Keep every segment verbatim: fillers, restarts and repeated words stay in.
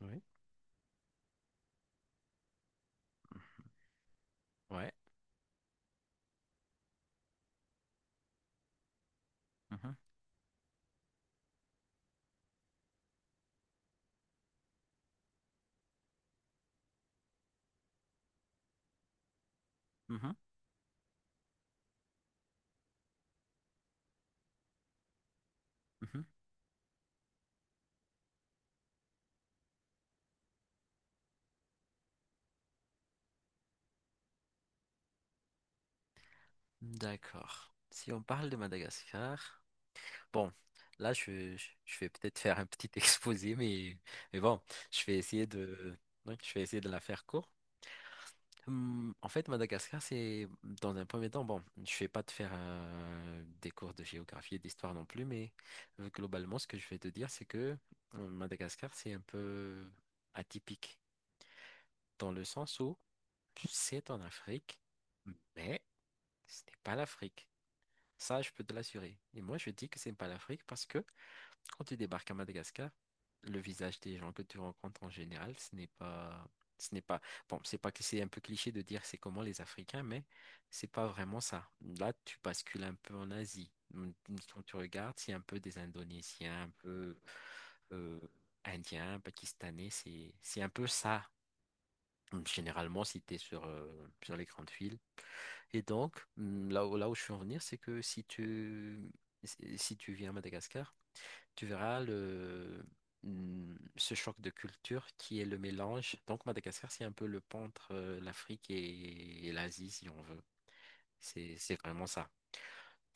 Oui. Ouais. Mhm, mhm, mhm. D'accord. Si on parle de Madagascar, bon, là je, je- je vais peut-être faire un petit exposé, mais, mais bon, je vais essayer de, ouais, je vais essayer de la faire court. Hum, en fait, Madagascar, c'est dans un premier temps, bon, je vais pas te faire euh, des cours de géographie et d'histoire non plus, mais euh, globalement, ce que je vais te dire, c'est que euh, Madagascar, c'est un peu atypique dans le sens où c'est en Afrique, mais ce n'est pas l'Afrique. Ça, je peux te l'assurer. Et moi, je dis que ce n'est pas l'Afrique parce que quand tu débarques à Madagascar, le visage des gens que tu rencontres en général, ce n'est pas, ce n'est pas, bon, c'est pas que c'est un peu cliché de dire c'est comment les Africains, mais c'est pas vraiment ça. Là, tu bascules un peu en Asie. Hum, Quand tu regardes, c'est un peu des Indonésiens, un peu euh, Indiens, Pakistanais, c'est, c'est un peu ça. Hum, Généralement, si tu es sur, euh, sur les grandes villes, et donc, hum, là où, là où je suis en venir, c'est que si tu, si si tu viens à Madagascar, tu verras le, hum, ce choc de culture qui est le mélange. Donc, Madagascar, c'est un peu le pont entre euh, l'Afrique et, et l'Asie, si on veut. C'est, c'est vraiment ça.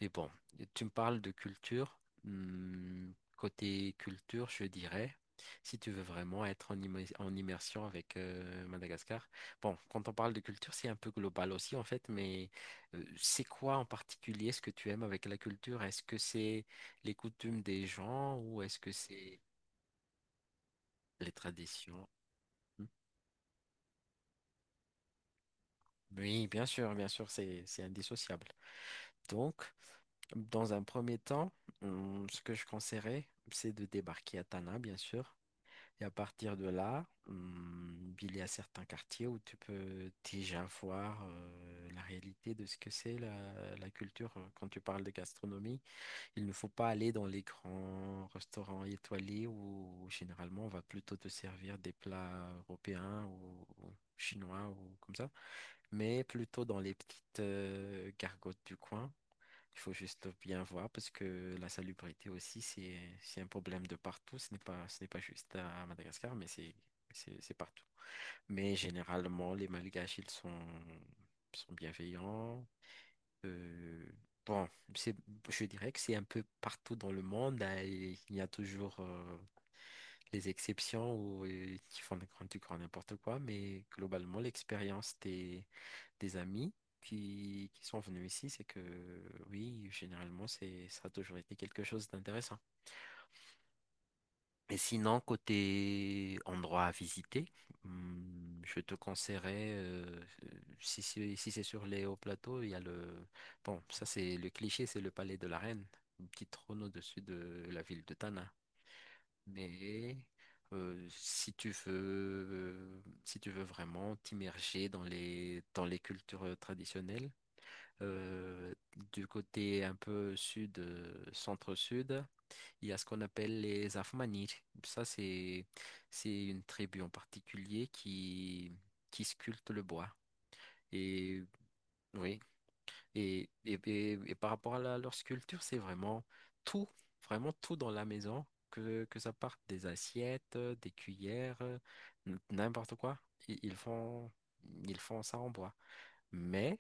Mais bon, tu me parles de culture. Hmm, côté culture, je dirais, si tu veux vraiment être en, immer- en immersion avec euh, Madagascar. Bon, quand on parle de culture, c'est un peu global aussi en fait, mais euh, c'est quoi en particulier ce que tu aimes avec la culture? Est-ce que c'est les coutumes des gens ou est-ce que c'est les traditions? Hmm. Oui, bien sûr, bien sûr, c'est c'est indissociable. Donc, dans un premier temps, hmm, ce que je conseillerais, c'est de débarquer à Tana, bien sûr. Et à partir de là, hum, il y a certains quartiers où tu peux déjà voir euh, la réalité de ce que c'est la, la culture. euh, Quand tu parles de gastronomie, il ne faut pas aller dans les grands restaurants étoilés où, généralement on va plutôt te servir des plats européens ou, ou chinois ou comme ça, mais plutôt dans les petites euh, gargotes du coin. Il faut juste bien voir parce que la salubrité aussi, c'est, c'est un problème de partout. Ce n'est pas, ce n'est pas juste à Madagascar, mais c'est, c'est, c'est partout. Mais généralement, les Malgaches, ils sont, sont bienveillants. Euh, bon, c'est, je dirais que c'est un peu partout dans le monde, hein, et il y a toujours euh, les exceptions où, euh, qui font du grand du grand n'importe quoi, mais globalement, l'expérience des, des amis qui, qui sont venus ici, c'est que oui, généralement, c'est, ça a toujours été quelque chose d'intéressant. Et sinon, côté endroit à visiter, hum, je te conseillerais, euh, si, c'est- si c'est sur les hauts plateaux, il y a le... Bon, ça c'est le cliché, c'est le palais de la Reine, une petite trône au-dessus de la ville de Tana. Mais euh, si tu veux, euh, si tu veux vraiment t'immerger dans les, dans les cultures traditionnelles, euh, du côté un peu sud, euh, centre-sud, il y a ce qu'on appelle les Afmanis. Ça, c'est, c'est une tribu en particulier qui, qui sculpte le bois. Et oui, et, et, et- et par rapport à la- leur sculpture, c'est vraiment tout, vraiment tout dans la maison, que, que ça parte des assiettes, euh, des cuillères, euh, n- n'importe quoi. Ils ils font, ils font ça en bois. Mais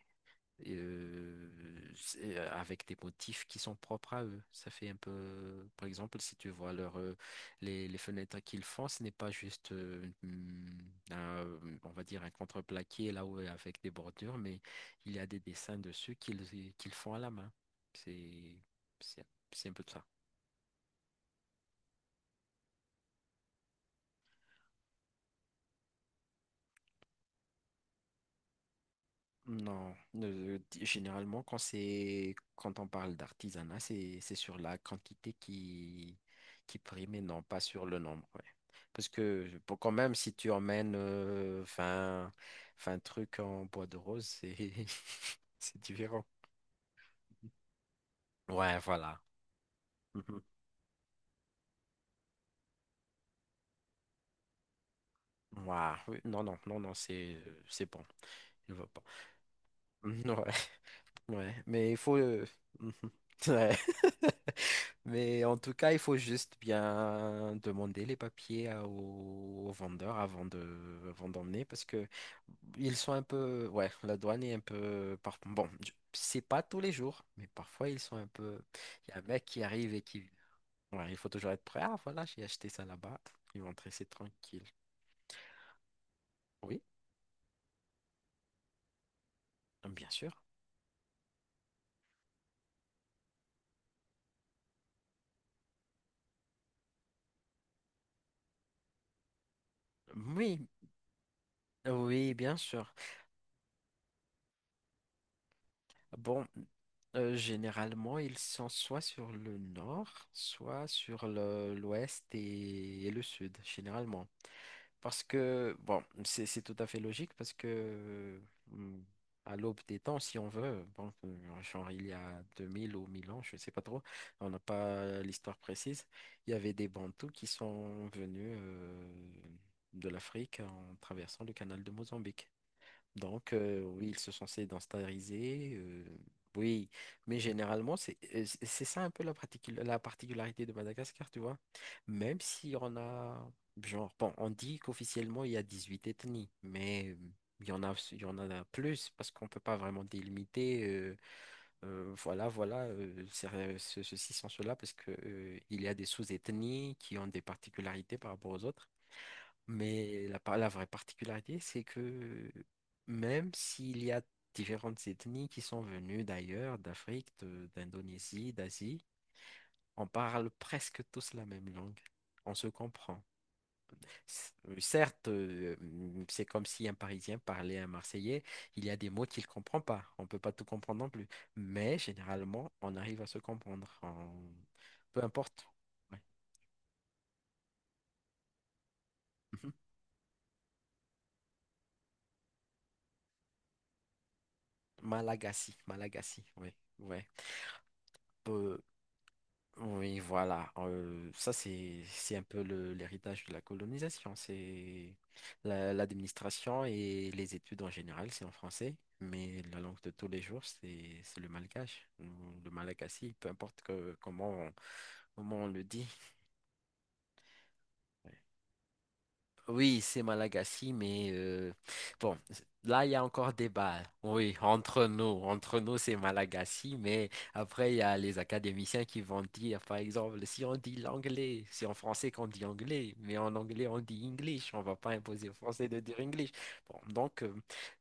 euh, c'est- euh, avec des motifs qui sont propres à eux. Ça fait un peu, par exemple, si tu vois leur, euh, les, les fenêtres qu'ils font, ce n'est pas juste, euh, une- un- on va dire, un contreplaqué là où avec des bordures, mais il y a des dessins dessus qu'ils qu'ils font à la main. C'est, c'est, c'est un peu de ça. Non, euh, t- généralement quand c'est quand on parle d'artisanat, c'est c'est sur la quantité qui qui prime et non pas sur le nombre. Ouais. Parce que pour quand même, si tu emmènes euh, vingt, vingt trucs en bois de rose, c'est c'est différent. Ouais, voilà. Mhm. Ouah, oui, non, non, non, non, c'est euh, c'est bon. Il va pas. Ouais. Ouais, mais il faut... euh, Ouais. Mais en tout cas, il faut juste bien demander les papiers à- aux, aux vendeurs avant de, avant d'emmener parce que ils sont un peu, ouais, la douane est un peu, par- bon, je- c'est pas tous les jours, mais parfois ils sont un peu, il y a un mec qui arrive et qui, ouais, il faut toujours être prêt. Ah, voilà, j'ai acheté ça là-bas. Ils vont te laisser tranquille. Oui, bien sûr. Oui, oui, bien sûr. Bon, euh, généralement, ils sont soit sur le nord, soit sur le- l'ouest et, et le sud, généralement. Parce que, bon, c'est c'est tout à fait logique parce que hum, à l'aube des temps, si on veut, bon, euh, genre il y a deux mille ou mille ans, je ne sais pas trop, on n'a pas l'histoire précise, il y avait des Bantous qui sont venus euh, de l'Afrique en traversant le canal de Mozambique. Donc, euh, oui, ils se sont censés d'instariser. Oui, mais généralement, c'est euh, c'est c'est ça un peu la, particul- la particularité de Madagascar, tu vois. Même si on a, genre, bon, on dit qu'officiellement, il y a dix-huit ethnies, mais euh, il y en a, il y en a plus parce qu'on ne peut pas vraiment délimiter, euh, euh, voilà, voilà, euh, c'est- ce- ceci sans cela, parce que, euh, il y a des sous-ethnies qui ont des particularités par rapport aux autres. Mais la, par- la vraie particularité, c'est que même s'il y a différentes ethnies qui sont venues d'ailleurs, d'Afrique, de- d'Indonésie, d'Asie, on parle presque tous la même langue. On se comprend. C- euh, Certes, euh, mm, c'est comme si un Parisien parlait à un Marseillais, il y a des mots qu'il ne comprend pas. On ne peut pas tout comprendre non plus. Mais généralement, on arrive à se comprendre. On- peu importe. Ouais. Mhm. Malagasy, Malagasy, oui. Ouais. Oui, voilà. Euh, ça, c'est, c'est un peu le- l'héritage de la colonisation. C'est la- l'administration et les études en général, c'est en français, mais la langue de tous les jours, c'est, c'est le malgache, ou le malagasy, peu importe que, comment, on- comment on le dit. Oui, c'est Malagasy, mais euh, bon, là, il y a encore débat. Oui, entre nous, entre nous, c'est Malagasy, mais après, il y a les académiciens qui vont dire, par exemple, si on dit l'anglais, c'est en français qu'on dit anglais, mais en anglais, on dit English, on va pas imposer aux Français de dire English. Bon, donc, euh,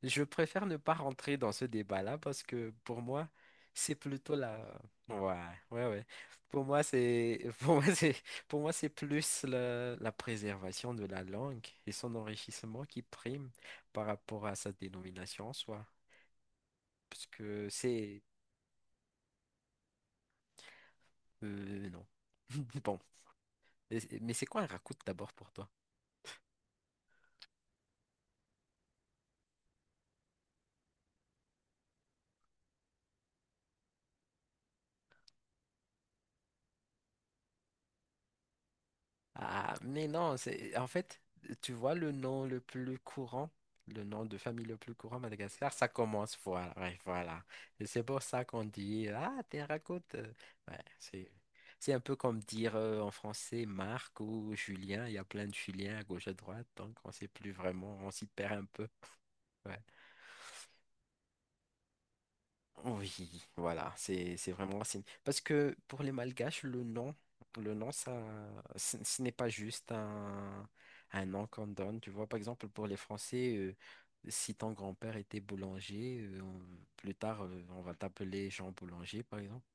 je préfère ne pas rentrer dans ce débat-là parce que pour moi, c'est plutôt la... Ouais, ouais, ouais. Pour moi, c'est... Pour moi, c'est... Pour moi, c'est plus la, la préservation de la langue et son enrichissement qui prime par rapport à sa dénomination en soi. Parce que c'est... euh, Non. Bon. Mais mais c'est quoi un racout d'abord pour toi? Ah, mais non, c'est en fait, tu vois le nom le plus courant, le nom de famille le plus courant à Madagascar, ça commence, voilà, ouais, voilà. Et c'est pour ça qu'on dit, ah, terracote, raconte. euh, Ouais, c'est, c'est un peu comme dire euh, en français Marc ou Julien, il y a plein de Julien à gauche à droite, donc on sait plus vraiment, on s'y perd un peu. Ouais. Oui, voilà, c'est c'est vraiment racine. Parce que pour les Malgaches, le nom, le nom, ça, ce, ce n'est pas juste un, un nom qu'on donne. Tu vois, par exemple, pour les Français, euh, si ton grand-père était boulanger, euh, on- plus tard, euh, on va t'appeler Jean Boulanger, par exemple.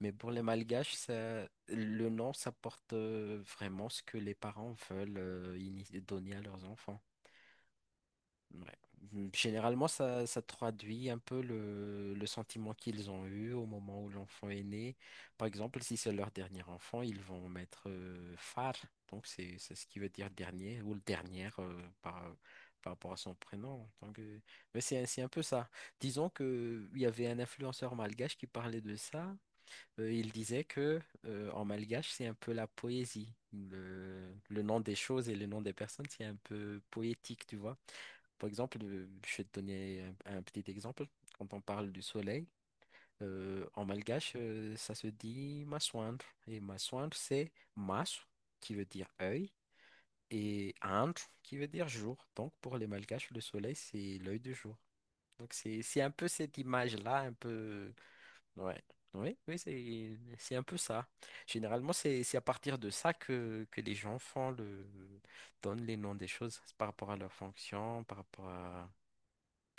Mais pour les Malgaches, ça, le nom, ça porte euh, vraiment ce que les parents veulent euh, ini- donner à leurs enfants. Ouais. Généralement, ça, ça traduit un peu le, le sentiment qu'ils ont eu au moment où l'enfant est né. Par exemple, si c'est leur dernier enfant, ils vont mettre euh, Far, donc c'est c'est ce qui veut dire dernier ou le dernière euh, par, par rapport à son prénom. Donc, euh, mais c'est c'est un peu ça. Disons que euh, il y avait un influenceur malgache qui parlait de ça. Euh, il disait que euh, en malgache, c'est un peu la poésie. Le, le nom des choses et le nom des personnes, c'est un peu poétique, tu vois. Par exemple, euh, je vais te donner un, un petit exemple. Quand on parle du soleil, euh, en malgache, euh, ça se dit maswandre. Et maswandre, c'est mas, qui veut dire œil, et andre, qui veut dire jour. Donc, pour les malgaches, le soleil, c'est l'œil du jour. Donc, c'est, c'est un peu cette image-là, un peu. Ouais. Oui, oui, c'est, c'est un peu ça. Généralement, c'est, c'est à partir de ça que, que les gens font le, donnent les noms des choses par rapport à leur fonction, par rapport à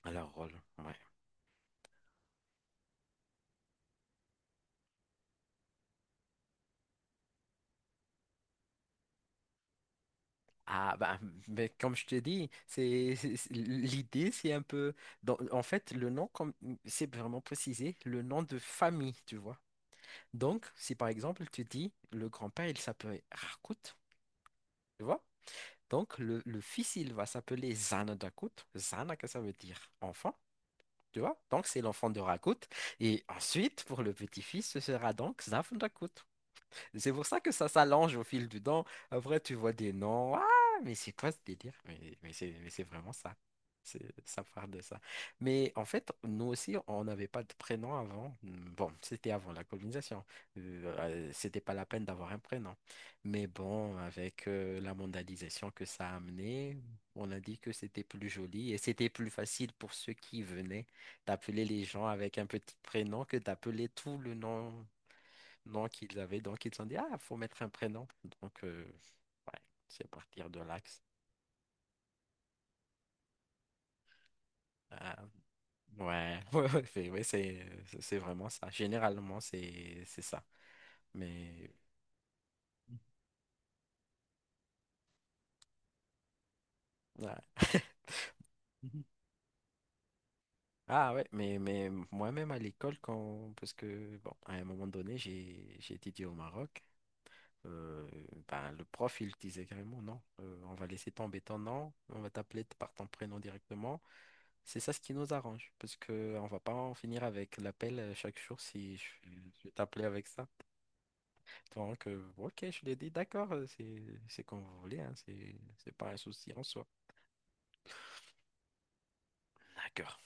alors, rôle, ouais. Ah, bah, mais comme je te dis, c'est c'est- c'est- l'idée, c'est un peu. Dans- en fait, le nom, comme c'est vraiment précisé, le nom de famille, tu vois. Donc, si par exemple, tu dis le grand-père, il s'appelait Rakout, tu vois. Donc, le, le fils, il va s'appeler Zanadakut. Zana, que ça veut dire enfant, tu vois. Donc, c'est l'enfant de Rakout. Et ensuite, pour le petit-fils, ce sera donc Zafndakut. C'est pour ça que ça s'allonge au fil du temps. Après, tu vois des noms. Ah, mais c'est quoi ce délire? Mais, mais c'est, mais c'est vraiment ça. C'est, ça part de ça. Mais en fait, nous aussi, on n'avait pas de prénom avant. Bon, c'était avant la colonisation. Euh, euh, c'était pas la peine d'avoir un prénom. Mais bon, avec euh, la mondialisation que ça a amené, on a dit que c'était plus joli et c'était plus facile pour ceux qui venaient d'appeler les gens avec un petit prénom que d'appeler tout le nom. Donc, ils avaient, donc, ils ont dit, ah, faut mettre un prénom. Donc, euh, ouais, c'est partir de l'axe. Ah, ouais, ouais, ouais, c'est ouais, c'est- c'est vraiment ça. Généralement, c'est c'est ça. Mais, ouais. Mhm. Ah ouais, mais, mais moi-même à l'école, quand, parce que, bon, à un moment donné, j'ai j'ai étudié au Maroc, euh, ben, le prof, il disait carrément, non, euh, on va laisser tomber ton nom, on va t'appeler par ton prénom directement. C'est ça ce qui nous arrange, parce que on va pas en finir avec l'appel euh, chaque jour si je, je vais t'appeler avec ça. Donc, euh, ok, je l'ai dit, d'accord, euh, c'est c'est comme vous voulez, hein, c'est c'est pas un souci en soi. D'accord.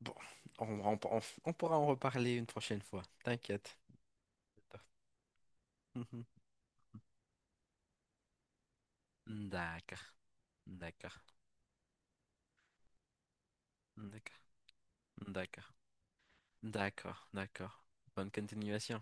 Bon, on, on- on- on pourra en reparler une prochaine fois, t'inquiète. Mhm. D'accord, d'accord, d'accord, d'accord, d'accord, d'accord. Bonne continuation.